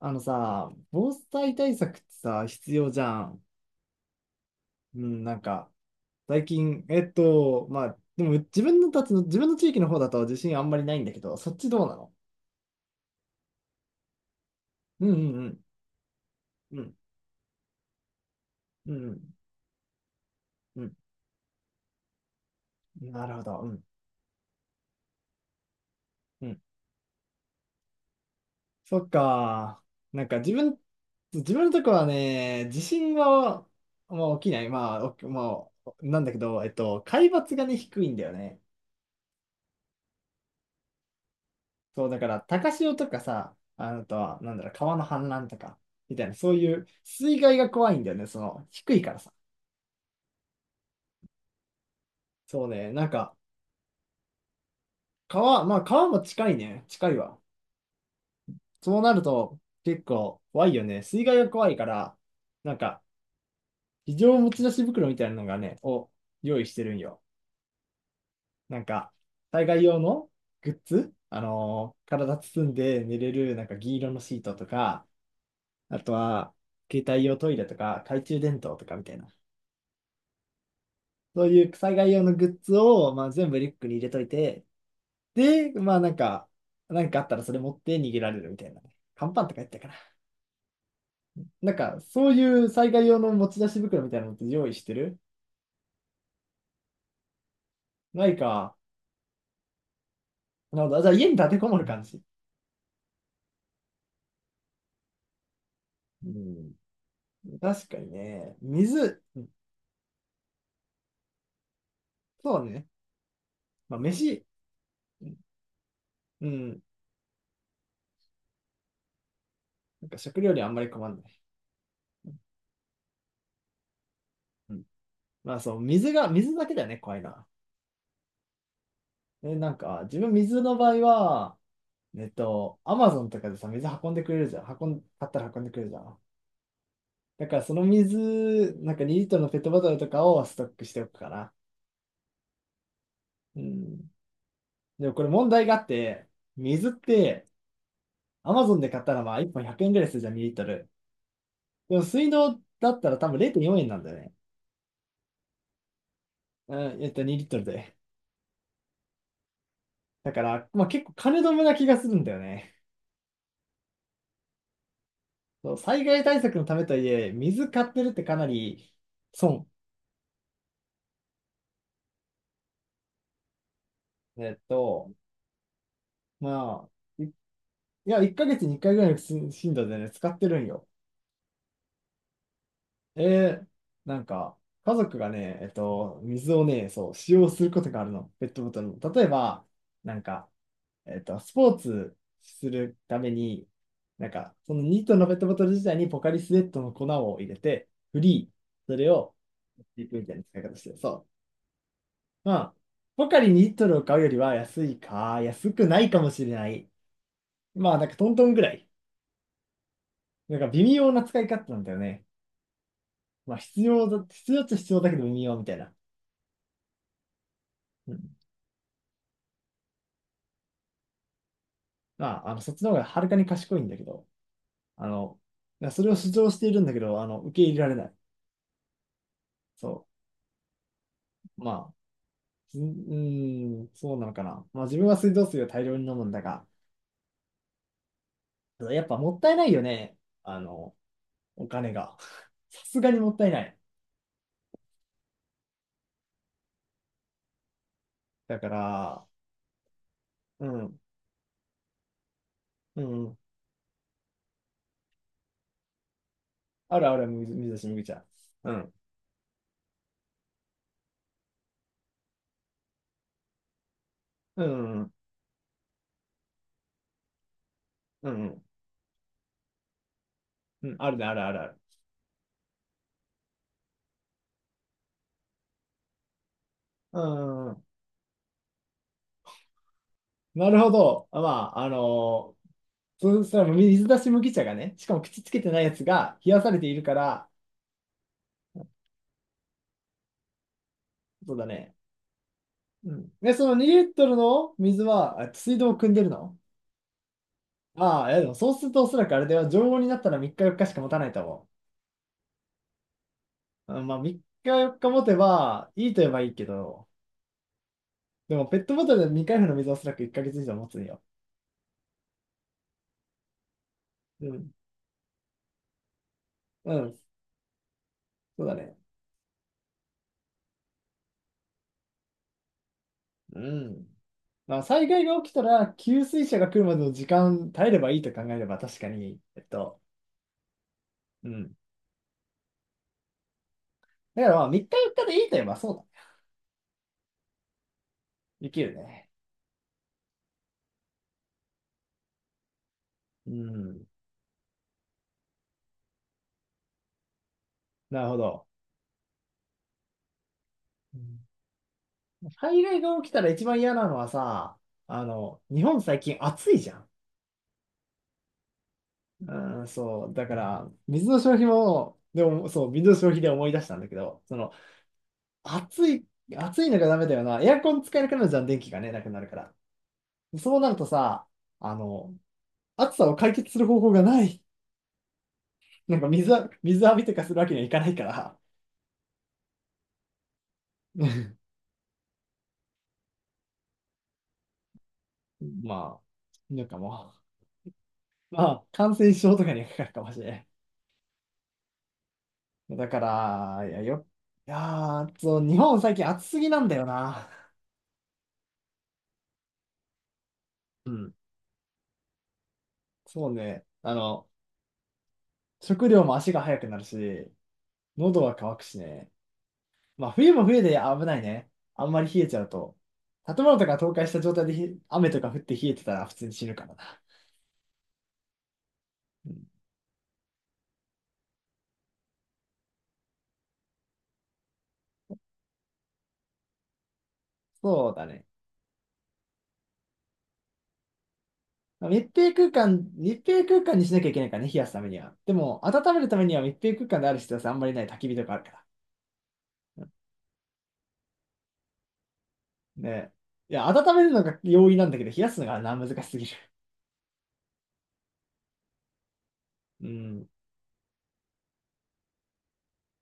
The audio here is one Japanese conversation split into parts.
あのさ、防災対策ってさ、必要じゃん。うん、なんか、最近、でも自分の地域の方だと自信あんまりないんだけど、そっちどうなの？うんうんうん。うん、うん、うん。うんなるほど。うん、うん。そっか。なんか自分、自分のとこはね、地震は、まあ、起きない。まあ、おまあ、なんだけど、海抜がね、低いんだよね。そう、だから、高潮とかさ、あのとは、なんだろう、川の氾濫とか、みたいな、そういう水害が怖いんだよね、その、低いからさ。そうね、なんか、川、まあ、川も近いね、近いわ。そうなると、結構怖いよね。水害が怖いから、なんか、非常持ち出し袋みたいなのがね、を用意してるんよ。なんか、災害用のグッズ、体包んで寝れる、なんか銀色のシートとか、あとは、携帯用トイレとか、懐中電灯とかみたいな。そういう災害用のグッズを、まあ、全部リュックに入れといて、で、まあ、なんかあったらそれ持って逃げられるみたいな。乾パンとかやったかな。なんか、そういう災害用の持ち出し袋みたいなのって用意してる？ないか。なるほど。じゃあ家に立てこもる感じ。うん。確かにね。水、そうね。まあ飯、うん。なんか食料にはあんまり困んない。うん。まあそう、水が、水だけだよね、怖いな。え、なんか、自分水の場合は、えっと、アマゾンとかでさ、水運んでくれるじゃん。運ん、買ったら運んでくれるじゃん。だからその水、なんか2リットルのペットボトルとかをストックしておくかな。うん。でもこれ問題があって、水って、アマゾンで買ったらまあ1本100円ぐらいするじゃん、2リットル。でも水道だったら多分0.4円なんだよね。2リットルで。だから、まあ結構金止めな気がするんだよね。そう、災害対策のためとはいえ、水買ってるってかなり損。えっと、まあ、いや、1ヶ月に1回ぐらいの頻度でね、使ってるんよ。えー、なんか、家族がね、水をね、そう、使用することがあるの、ペットボトルの。例えば、なんか、スポーツするために、なんか、そのニートのペットボトル自体にポカリスエットの粉を入れて、フリー、それを、リップみたいな使い方してる、そう。まあ、ポカリニリットルを買うよりは安いか、安くないかもしれない。まあ、なんかトントンぐらい。なんか微妙な使い方なんだよね。まあ、必要だ、必要っちゃ必要だけど微妙みたいな。うん。まあ、あの、そっちの方がはるかに賢いんだけど、あの、いやそれを主張しているんだけど、あの、受け入れられない。そう。まあ、うーん、そうなのかな。まあ、自分は水道水を大量に飲むんだが、やっぱもったいないよね。あの、お金が。さすがにもったいない。だから、うん、うん、あるある、水水出し麦茶。うん、うん、うん、うん、うん、あるね、あるあるある。うん、なるほど。まあ、あのそうしたら水出し麦茶がね、しかも口つけてないやつが冷やされているから、そうだね。うん。で、その2リットルの水は、あ水道を汲んでるの？ああ、いやでもそうするとおそらくあれでは常温になったら3日4日しか持たないと思う。うんまあ3日4日持てばいいと言えばいいけど、でもペットボトルで未開封の水はおそらく1ヶ月以上持つんよ。うん。うん。そうだね。うん。まあ災害が起きたら給水車が来るまでの時間耐えればいいと考えれば確かに、うん。だからまあ、3日4日でいいと言えばそうだね。できるね。うん。なるほど。うん災害が起きたら一番嫌なのはさ、あの、日本最近暑いじゃん。うん、そう。だから、水の消費も、でも、そう、水の消費で思い出したんだけど、その、暑い、暑いのがダメだよな。エアコン使えなくなるじゃん、電気がね、なくなるから。そうなるとさ、あの、暑さを解決する方法がない。なんか水は、水浴びとかするわけにはいかないから。まあ、なんかもう。まあ、感染症とかにかかるかもしれない。だから、いやー、そう、日本最近暑すぎなんだよな。うん。そうね。あの、食料も足が速くなるし、喉は乾くしね。まあ、冬も冬で危ないね。あんまり冷えちゃうと。建物とか倒壊した状態でひ雨とか降って冷えてたら普通に死ぬからな。うん、そうだね。まあ密閉空間、密閉空間にしなきゃいけないからね、冷やすためには。でも、温めるためには密閉空間である必要性あんまりない焚き火とかあるから。ね。いや、温めるのが容易なんだけど、冷やすのがな、難しすぎる。うん。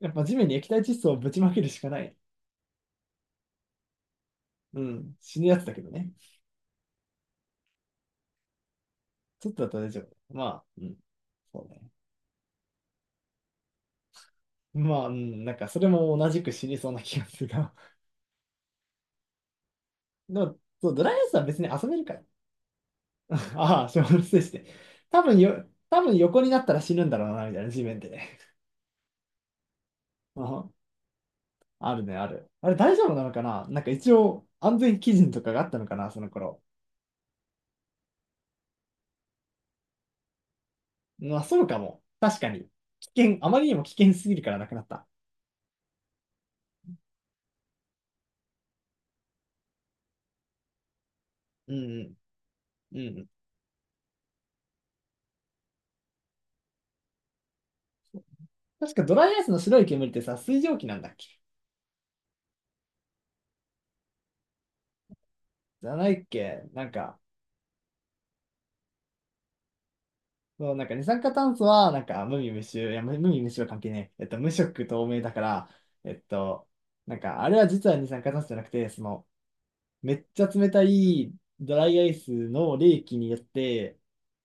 やっぱ地面に液体窒素をぶちまけるしかない。うん。死ぬやつだけどね。ちょっとだったら大丈夫。まあ、うん。そうね。まあ、うん。なんか、それも同じく死にそうな気がするが。でも、そう、ドライアイスは別に遊べるから。ああ、小学生して。多分よ、多分横になったら死ぬんだろうな、みたいな、地面でね。ああるね、ある。あれ大丈夫なのかな？なんか一応、安全基準とかがあったのかな、その頃。まあ、そうかも。確かに。危険、あまりにも危険すぎるからなくなった。うん、うん、うん。確かドライアイスの白い煙ってさ、水蒸気なんだっけ？じゃないっけ？なんか、そう、なんか二酸化炭素は、なんか無味無臭、いや、無無味無臭は関係ねえ。えっと、無色透明だから、えっと、あれは実は二酸化炭素じゃなくて、その、めっちゃ冷たいドライアイスの冷気によって、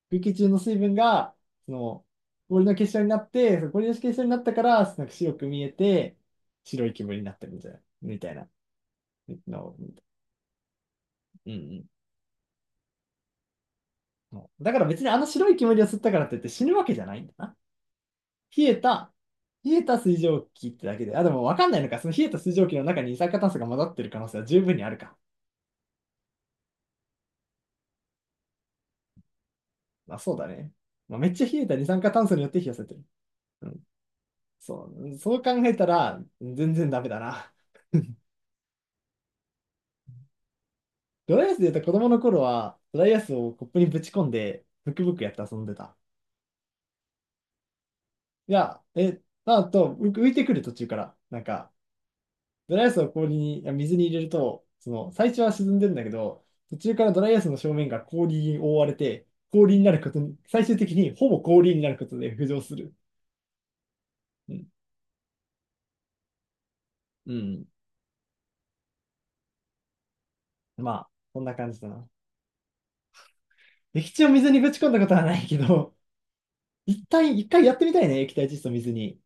空気中の水分が、その、氷の結晶になって、その氷の結晶になったから、なんか白く見えて、白い煙になってるみたいな、みたいなの。うんうん。うだから別にあの白い煙を吸ったからって言って死ぬわけじゃないんだな。冷えた、冷えた水蒸気ってだけで、あ、でもわかんないのか。その冷えた水蒸気の中に二酸化炭素が混ざってる可能性は十分にあるか。まあそうだね。まあ、めっちゃ冷えた二酸化炭素によって冷やされてる。うん。そう。そう考えたら、全然ダメだな。ドライアイスで言うと子供の頃は、ドライアイスをコップにぶち込んで、ブクブクやって遊んでた。いや、え、あと、浮浮いてくる途中から、なんか、ドライアイスを氷に、あ水に入れると、その、最初は沈んでんだけど、途中からドライアイスの正面が氷に覆われて、氷になることに、最終的にほぼ氷になることで浮上する。うん。うん。まあ、こんな感じだな。液体を水にぶち込んだことはないけど、一旦、一回やってみたいね、液体窒素水に。